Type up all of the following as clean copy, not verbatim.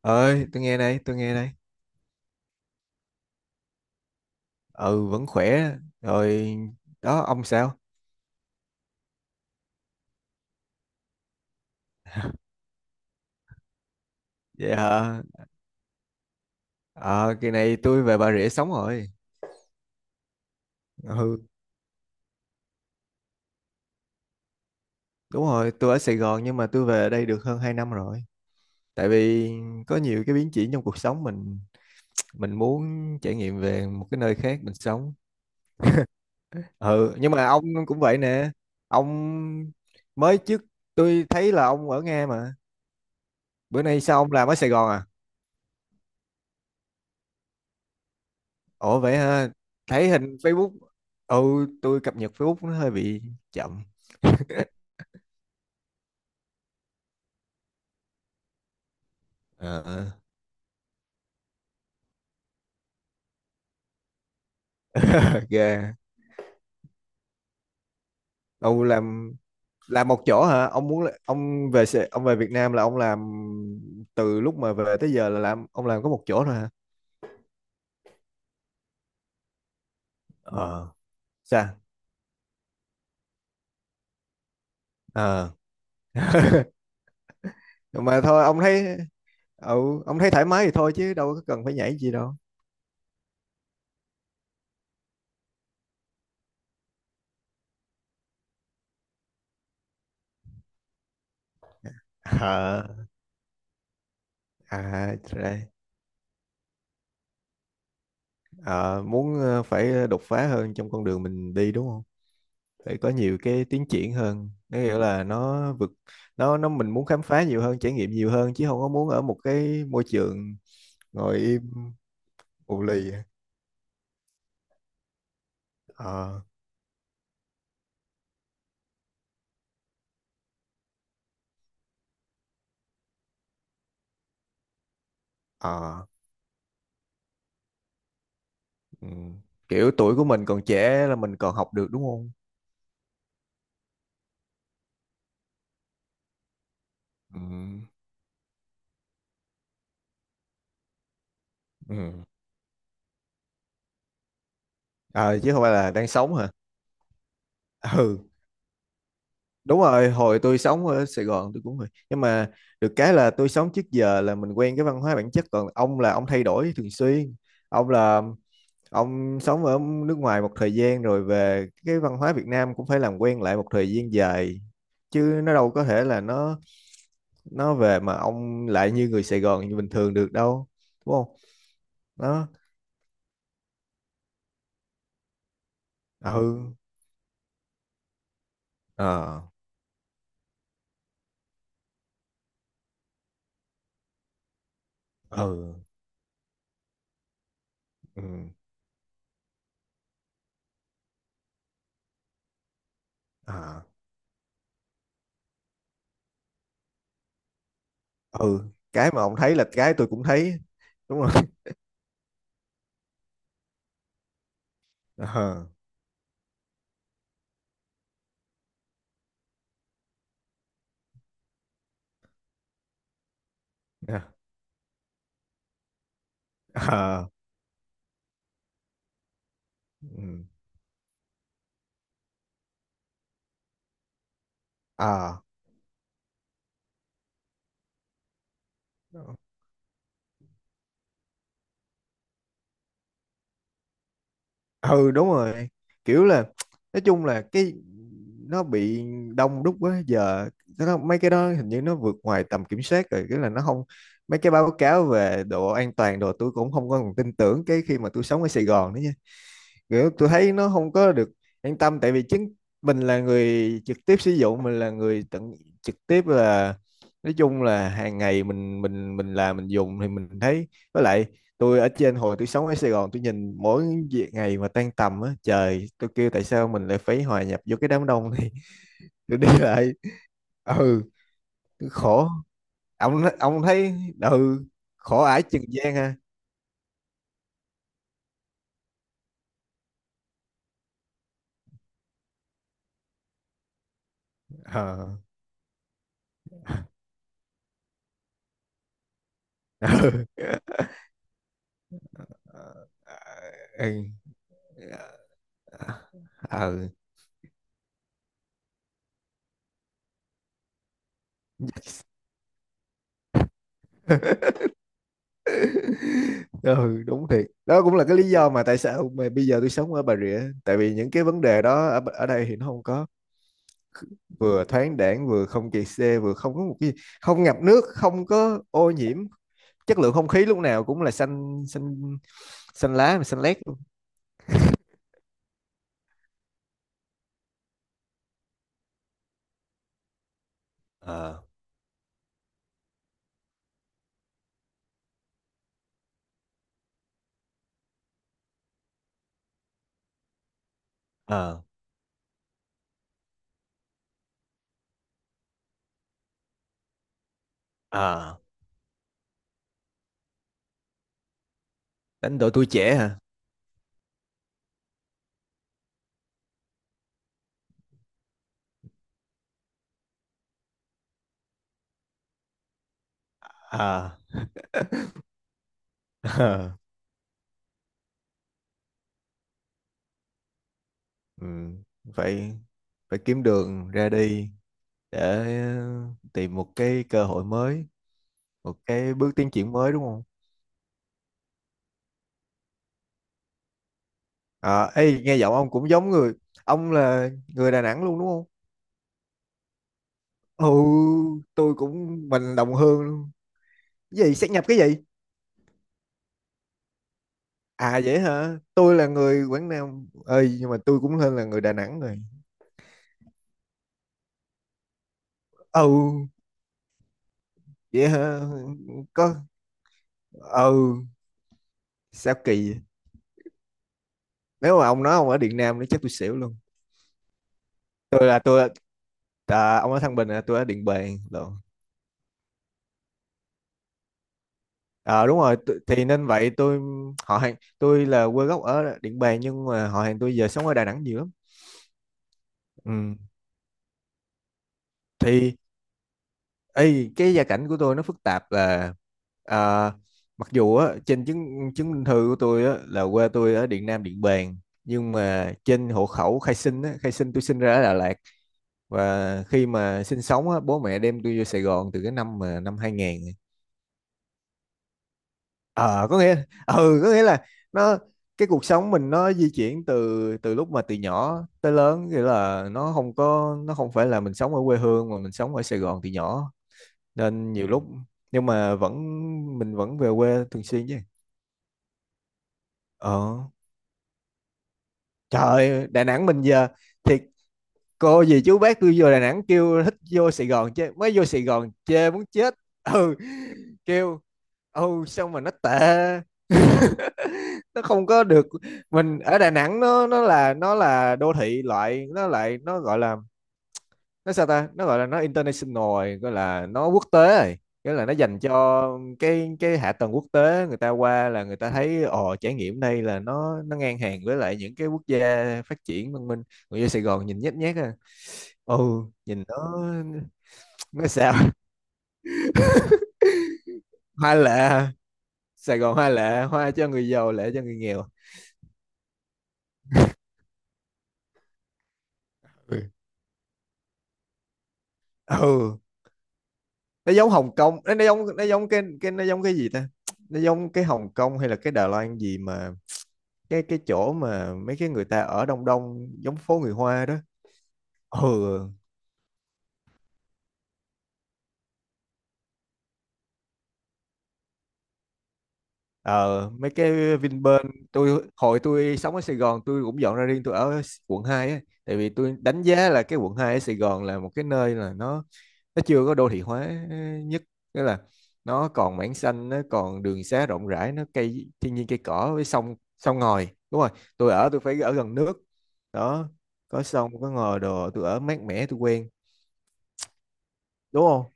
Ơi, tôi nghe đây, tôi nghe đây. Ừ, vẫn khỏe rồi. Đó ông sao? Vậy hả. Ờ Kỳ này tôi về Bà Rịa sống rồi. Ừ, đúng rồi, tôi ở Sài Gòn nhưng mà tôi về đây được hơn 2 năm rồi. Tại vì có nhiều cái biến chuyển trong cuộc sống mình muốn trải nghiệm về một cái nơi khác mình sống. Ừ, nhưng mà ông cũng vậy nè. Ông mới trước tôi thấy là ông ở Nga mà, bữa nay sao ông làm ở Sài Gòn à? Ủa vậy ha, thấy hình Facebook, ừ, tôi cập nhật Facebook nó hơi bị chậm. Ờ, ok. Ông làm một chỗ hả? Ông muốn là- ông về Sài- ông về Việt Nam là ông làm, từ lúc mà về tới giờ là làm, ông làm có một chỗ thôi hả? Ờ, sao? Ờ. Mà thôi, ông thấy, ừ, ông thấy thoải mái thì thôi chứ đâu có cần phải nhảy gì đâu. Ờ, à, ra- ờ, muốn, ờ, phải đột phá hơn trong con đường mình đi đúng không? Phải có nhiều cái tiến triển hơn, nó nghĩa là nó vực, nó mình muốn khám phá nhiều hơn, trải nghiệm nhiều hơn, chứ không có muốn ở một cái môi trường ngồi im, ù lì. Ờ, ờ, ừ. Kiểu tuổi của mình còn trẻ là mình còn học được đúng không. Ừ. Ừ. Ờ, chứ không phải là đang sống hả. Ừ, đúng rồi, hồi tôi sống ở Sài Gòn tôi cũng vậy, nhưng mà được cái là tôi sống trước giờ là mình quen cái văn hóa bản chất, còn ông là ông thay đổi thường xuyên. Ông là, ông sống ở nước ngoài một thời gian rồi về, cái văn hóa Việt Nam cũng phải làm quen lại một thời gian dài, chứ nó đâu có thể là nó về mà ông lại như người Sài Gòn như bình thường được đâu, đúng không. Nó, ừ, ờ, ừ, ừ, ờ, ừ. Cái mà ông thấy là cái tôi cũng thấy. Đúng rồi. Ờ, ờ, ờ, ừ, ờ, ừ, đúng rồi. Kiểu là, nói chung là cái nó bị đông đúc quá, giờ nó mấy cái đó hình như nó vượt ngoài tầm kiểm soát rồi, cái là nó không, mấy cái báo cáo về độ an toàn đồ tôi cũng không có còn tin tưởng cái khi mà tôi sống ở Sài Gòn nữa. Kiểu tôi thấy nó không có được an tâm, tại vì chính mình là người trực tiếp sử dụng, mình là người tận trực tiếp là, nói chung là hàng ngày mình làm mình dùng thì mình thấy. Với lại, tôi ở trên hồi tôi sống ở Sài Gòn, tôi nhìn mỗi việc ngày mà tan tầm á, trời tôi kêu tại sao mình lại phải hòa nhập vô cái đám đông này. Tôi đi lại, ừ, khổ. Ông thấy, ừ, khổ ải chừng gian ha. Ờ. Ừ. Ờ, ờ, ờ, ừ. Ừ, đúng thiệt đó cũng là cái lý do mà tại sao mà bây giờ tôi sống ở Bà Rịa, tại vì những cái vấn đề đó ở, ở đây thì nó không có. Vừa thoáng đãng, vừa không kẹt xe, vừa không có một cái, không ngập nước, không có ô nhiễm, chất lượng không khí lúc nào cũng là xanh xanh, xanh lá mà xanh lét luôn. Ờ, ờ, ờ, đánh đổi tuổi trẻ hả. Ờ, ờ. Ừ. Phải, phải kiếm đường ra đi để tìm một cái cơ hội mới, một cái bước tiến triển mới, đúng không. À, ê, nghe giọng ông cũng giống người, ông là người Đà Nẵng luôn đúng không. Ừ, tôi cũng mình đồng hương luôn. Cái gì sát nhập cái gì? À vậy hả, tôi là người Quảng Nam ơi, nhưng mà tôi cũng hơn là người Đà Nẵng rồi. Ừ, vậy hả. Có, ừ, sao kỳ vậy? Nếu mà ông nói ông ở Điện Nam nữa chắc tôi xỉu luôn. Tôi là tôi, à, ông ở Thăng Bình là tôi ở Điện Bàn lộn. Ờ, đúng rồi, tu- thì nên vậy tôi, họ hàng tôi là quê gốc ở Điện Bàn, nhưng mà họ hàng tôi giờ sống ở Đà Nẵng nhiều lắm. Ừ. Thì ấy, cái gia cảnh của tôi nó phức tạp là, à, mặc dù á, trên chứng chứng minh thư của tôi á, là quê tôi ở Điện Nam Điện Bàn, nhưng mà trên hộ khẩu khai sinh á, khai sinh tôi sinh ra ở Đà Lạt, và khi mà sinh sống á, bố mẹ đem tôi vô Sài Gòn từ cái năm mà năm 2000. Ờ, có nghĩa, ừ, có nghĩa là nó, cái cuộc sống mình nó di chuyển từ, từ lúc mà từ nhỏ tới lớn, nghĩa là nó không có, nó không phải là mình sống ở quê hương mà mình sống ở Sài Gòn từ nhỏ nên, ừ, nhiều lúc, nhưng mà vẫn, mình vẫn về quê thường xuyên chứ. Ờ, trời, Đà Nẵng mình giờ, thiệt, cô gì chú bác tôi vô Đà Nẵng kêu thích, vô Sài Gòn chơi, mới vô Sài Gòn chơi muốn chết. Ừ, kêu, ừ sao mà nó tệ. Nó không có được. Mình ở Đà Nẵng nó, nó là đô thị loại, nó lại nó gọi là, nó sao ta, nó gọi là nó international rồi, gọi là nó quốc tế rồi, nghĩa là nó dành cho cái hạ tầng quốc tế, người ta qua là người ta thấy ồ trải nghiệm đây, là nó ngang hàng với lại những cái quốc gia phát triển văn minh. Người vô Sài Gòn nhìn nhếch nhác à. Ừ. Nhìn nó sao. Hoa lệ. Sài Gòn hoa lệ, hoa cho người giàu, lệ cho người nghèo. Ừ. Ừ. Nó giống Hồng Kông, nó giống cái, nó giống cái gì ta, nó giống cái Hồng Kông hay là cái Đài Loan gì mà, cái chỗ mà mấy cái người ta ở Đông Đông giống phố người Hoa đó. Ừ. Ờ, mấy cái Vinpearl, tôi hồi tôi sống ở Sài Gòn tôi cũng dọn ra riêng, tôi ở quận 2 á. Tại vì tôi đánh giá là cái quận 2 ở Sài Gòn là một cái nơi là nó chưa có đô thị hóa nhất, nghĩa là nó còn mảng xanh, nó còn đường xá rộng rãi, nó cây thiên nhiên cây cỏ với sông sông ngòi, đúng rồi. Tôi ở tôi phải ở gần nước đó, có sông có ngòi đồ tôi ở mát mẻ tôi quen, đúng không.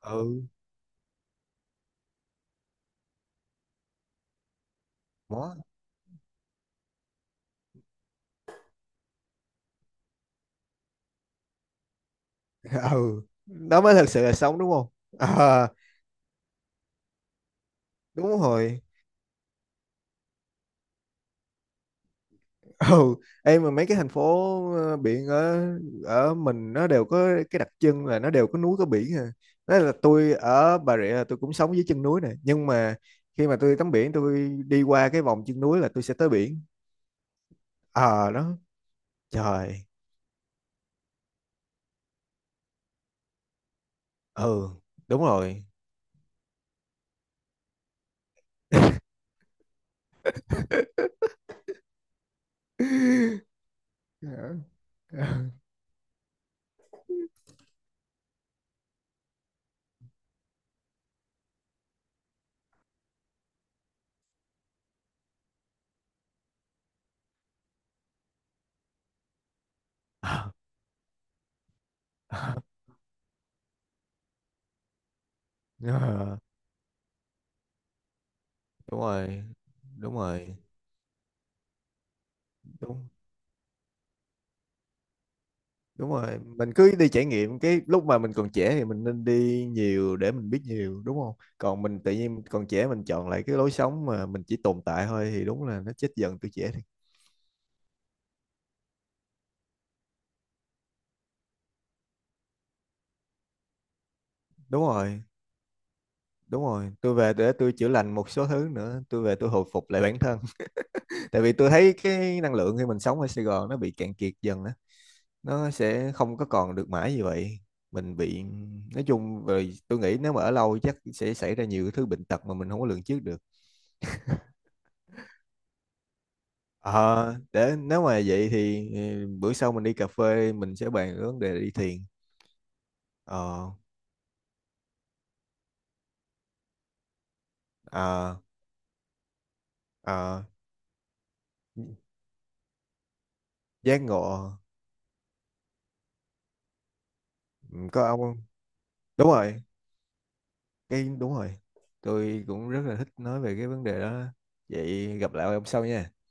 Ừ, đó. Ừ, đó mới thật sự là sống đúng không. À, đúng rồi. Ừ. Em mà mấy cái thành phố, ờ, biển ở, ở mình nó đều có cái đặc trưng là nó đều có núi có biển à. Đó là tôi ở Bà Rịa là tôi cũng sống dưới chân núi này, nhưng mà khi mà tôi tắm biển tôi đi qua cái vòng chân núi là tôi sẽ tới biển. Ờ đó, trời. Ừ, đúng rồi. Ờ, ờ, ờ, đúng rồi, đúng rồi, đúng, đúng rồi, mình cứ đi trải nghiệm cái lúc mà mình còn trẻ thì mình nên đi nhiều để mình biết nhiều, đúng không. Còn mình tự nhiên còn trẻ mình chọn lại cái lối sống mà mình chỉ tồn tại thôi thì đúng là nó chết dần tuổi trẻ thì, đúng rồi. Đúng rồi, tôi về để tôi chữa lành một số thứ nữa, tôi về tôi hồi phục lại bản thân. Tại vì tôi thấy cái năng lượng khi mình sống ở Sài Gòn nó bị cạn kiệt dần á, nó sẽ không có còn được mãi như vậy, mình bị, nói chung rồi tôi nghĩ nếu mà ở lâu chắc sẽ xảy ra nhiều cái thứ bệnh tật mà mình không có lường trước được. Ờ, để nếu mà vậy thì, ừ, bữa sau mình đi cà phê mình sẽ bàn cái vấn đề đi thiền. Ờ, ờ, ờ, giác ngộ. Ừ, có ông không? Đúng rồi, cái đúng rồi. Tôi cũng rất là thích nói về cái vấn đề đó. Vậy gặp lại ông sau nha.